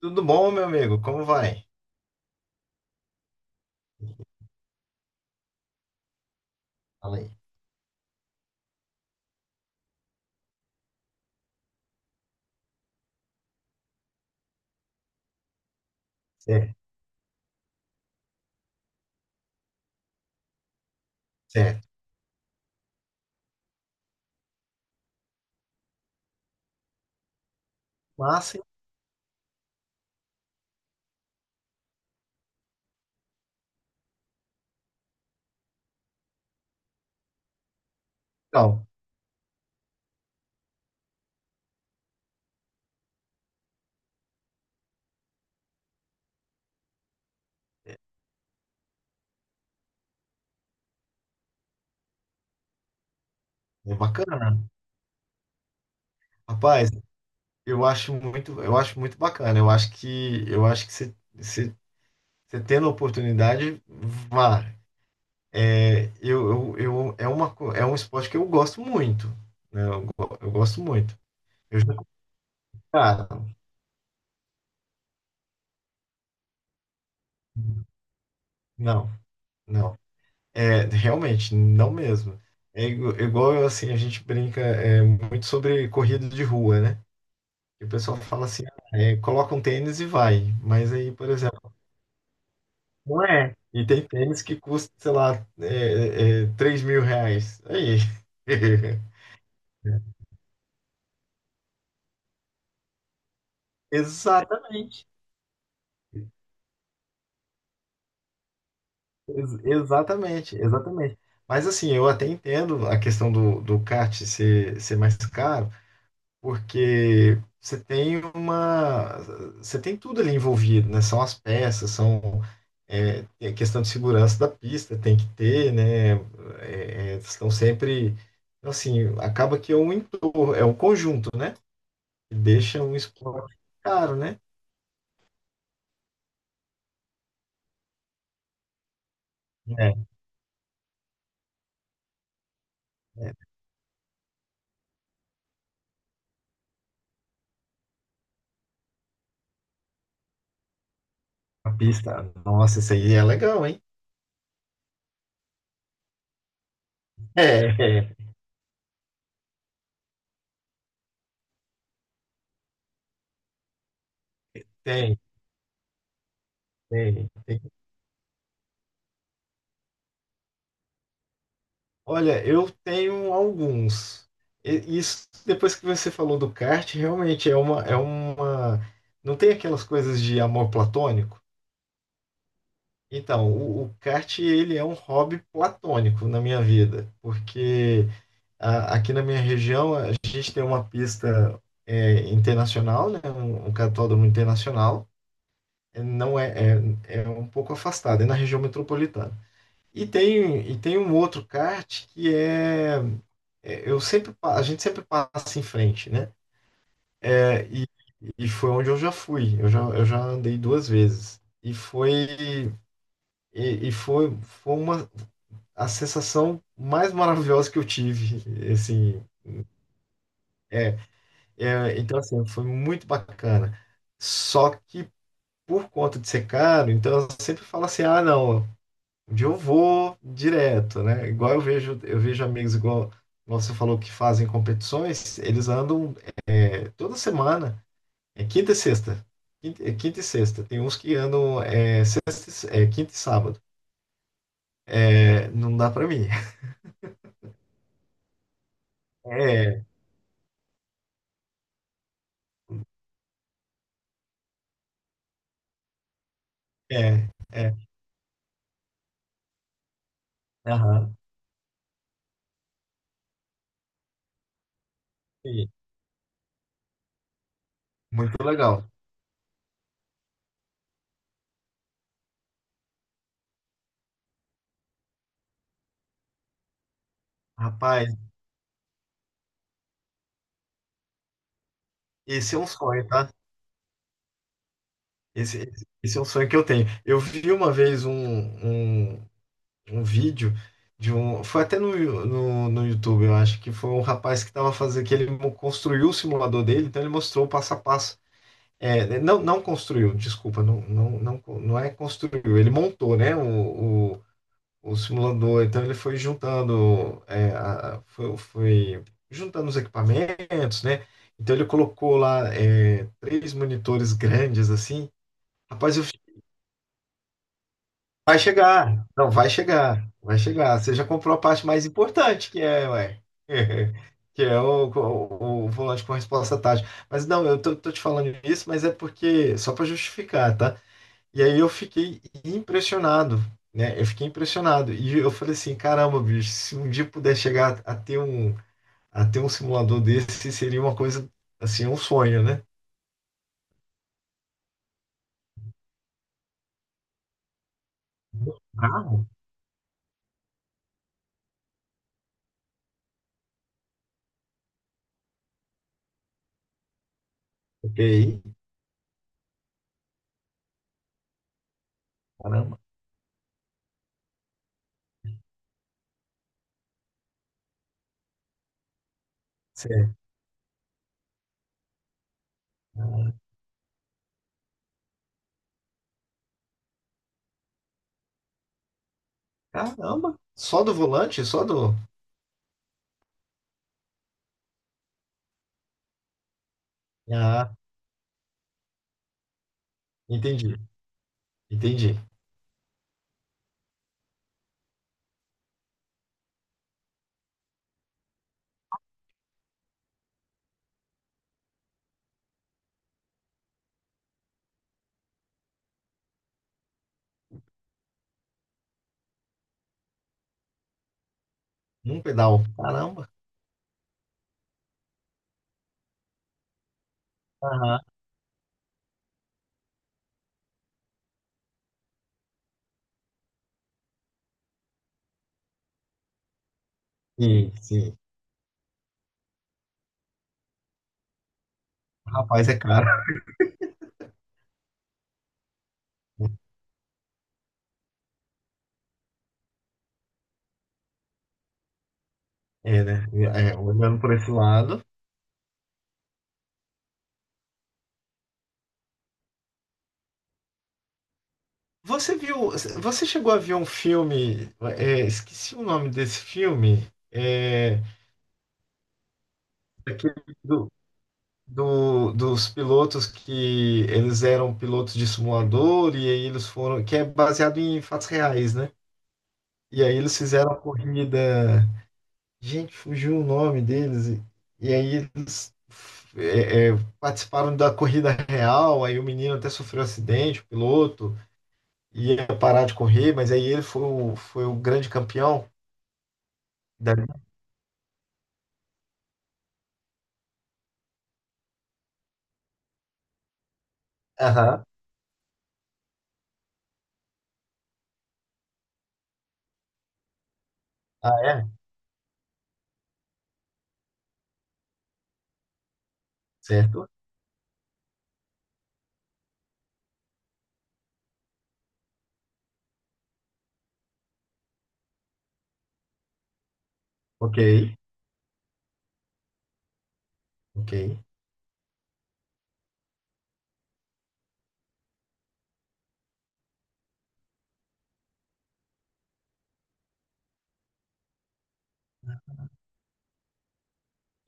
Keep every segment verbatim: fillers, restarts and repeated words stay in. Tudo bom, meu amigo? Como vai? Fala aí. Certo, certo. Massa, então. É bacana. Rapaz, eu acho muito, eu acho muito bacana. Eu acho que, eu acho que você você- você tendo a oportunidade, vá. É, eu, eu, eu, é uma, co- é um esporte que eu gosto muito, né? Eu, go- eu gosto muito. Eu já, cara, não, não. É, realmente, não mesmo. É, igu- igual, assim, a gente brinca, é, muito sobre corrida de rua, né? E o pessoal fala assim, ah, é, coloca um tênis e vai. Mas aí, por exemplo, não é. E tem tênis que custa, sei lá, é, é, três mil reais. Aí. Exatamente. Ex- exatamente, exatamente. Mas assim, eu até entendo a questão do, do kart ser, ser mais caro. Porque você tem uma, você tem tudo ali envolvido, né? São as peças, são é, tem a questão de segurança da pista, tem que ter, né? É, é, estão sempre, então, assim, acaba que é um entorno, é um conjunto, né? Que deixa um esporte caro, né? É, é, a pista, nossa, isso aí é legal, hein? É. é, tem, tem. tem Olha, eu tenho alguns. E- Isso, depois que você falou do kart, realmente é uma, é uma... Não tem aquelas coisas de amor platônico? Então, o, o kart, ele é um hobby platônico na minha vida, porque a- aqui na minha região a gente tem uma pista, é, internacional, né? Um, um cartódromo internacional. É, Não é. É, é um pouco afastado, é na região metropolitana. E tem, e tem um outro kart que é. é, eu sempre, pa- a gente sempre passa em frente, né? É, e, e foi onde eu já fui. Eu já, eu já andei duas vezes. E foi, e, e foi, foi uma A sensação mais maravilhosa que eu tive, assim, é, é, então assim, foi muito bacana. Só que por conta de ser caro, então eu sempre falo assim, ah, não, um dia eu vou direto, né? Igual eu vejo, eu vejo amigos, igual igual você falou, que fazem competições, eles andam, é, toda semana. É quinta e sexta. Quinta, é quinta e sexta. Tem uns que andam, é, sexta e- é quinta e sábado. É, não dá pra mim. É, é, é. Aham, sim. Muito legal. Rapaz, esse é um sonho, tá? Esse, esse, esse é um sonho que eu tenho. Eu vi uma vez um, um, um vídeo de um. Foi até no, no, no YouTube, eu acho. Que foi um rapaz que tava fazendo, que ele mo- construiu o simulador dele, então ele mostrou o passo a passo. É, não, não construiu, desculpa, não, não, não, não é construiu, ele montou, né, o, o, o simulador. Então ele foi juntando, é, a- foi, foi juntando os equipamentos, né. Então ele colocou lá, é, três monitores grandes, assim. Rapaz, eu, fi- vai chegar, não, vai chegar, vai chegar. Você já comprou a parte mais importante, que é, ué, que é o, o, o volante com resposta tática. Mas não, eu tô, tô te falando isso, mas é porque, só para justificar, tá? E aí eu fiquei impressionado, né? Eu fiquei impressionado. E eu falei assim, caramba, bicho, se um dia puder chegar a ter um, a ter um simulador desse, seria uma coisa, assim, um sonho, né? Bravo. Ok, caramba. Certo. Caramba, só do volante, só do... Ah, entendi, entendi. Num pedal, caramba. Aham. Sim, sim. Rapaz, é caro, né? É, né? É, olhando por esse lado... Você viu, você chegou a ver um filme? É, esqueci o nome desse filme. é, Aquele do, do- dos pilotos, que eles eram pilotos de simulador e aí eles foram, que é baseado em fatos reais, né? E aí eles fizeram a corrida, gente, fugiu o nome deles. E, e aí eles, é, é, participaram da corrida real. Aí o menino até sofreu acidente, o piloto ia parar de correr, mas aí ele foi o, foi o grande campeão. Aham. Ah, é? Certo. Ok. Ok.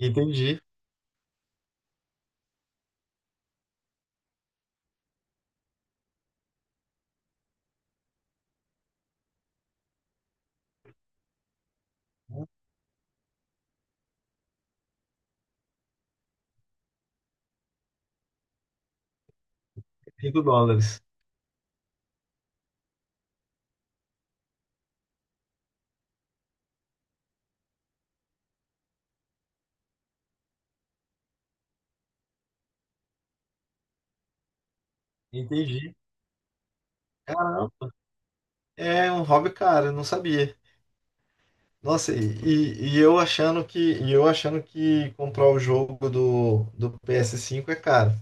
Entendi. Cinco dólares. Entendi. Caramba, é um hobby caro, eu não sabia. Nossa, e, e eu achando que, e eu achando que comprar o jogo do, do P S cinco é caro.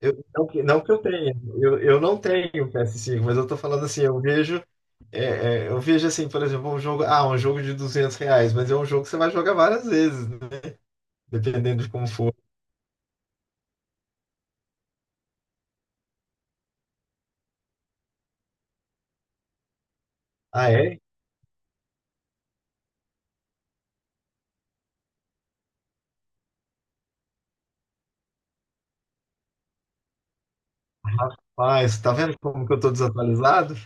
Eu, não, que, não que eu tenha, eu, eu não tenho P S cinco, mas eu tô falando assim, eu vejo, é, é, eu vejo assim, por exemplo, um jogo, ah, um jogo de duzentos reais, mas é um jogo que você vai jogar várias vezes, né? Dependendo de como for. Ah, é? Ah, você tá vendo como que eu tô desatualizado?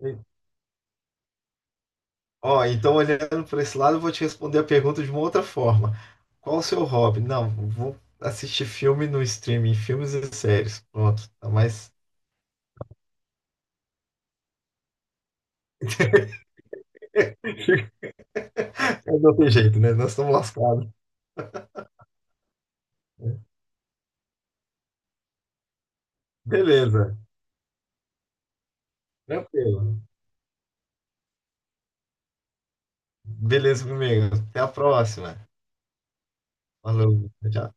E- Ó, então olhando para esse lado, eu vou te responder a pergunta de uma outra forma. Qual o seu hobby? Não, vou assistir filme no streaming, filmes e séries. Pronto, tá mais. É do outro jeito, né? Nós estamos lascados. Beleza, tranquilo. Beleza, meu amigo. Até a próxima. Falou, tchau.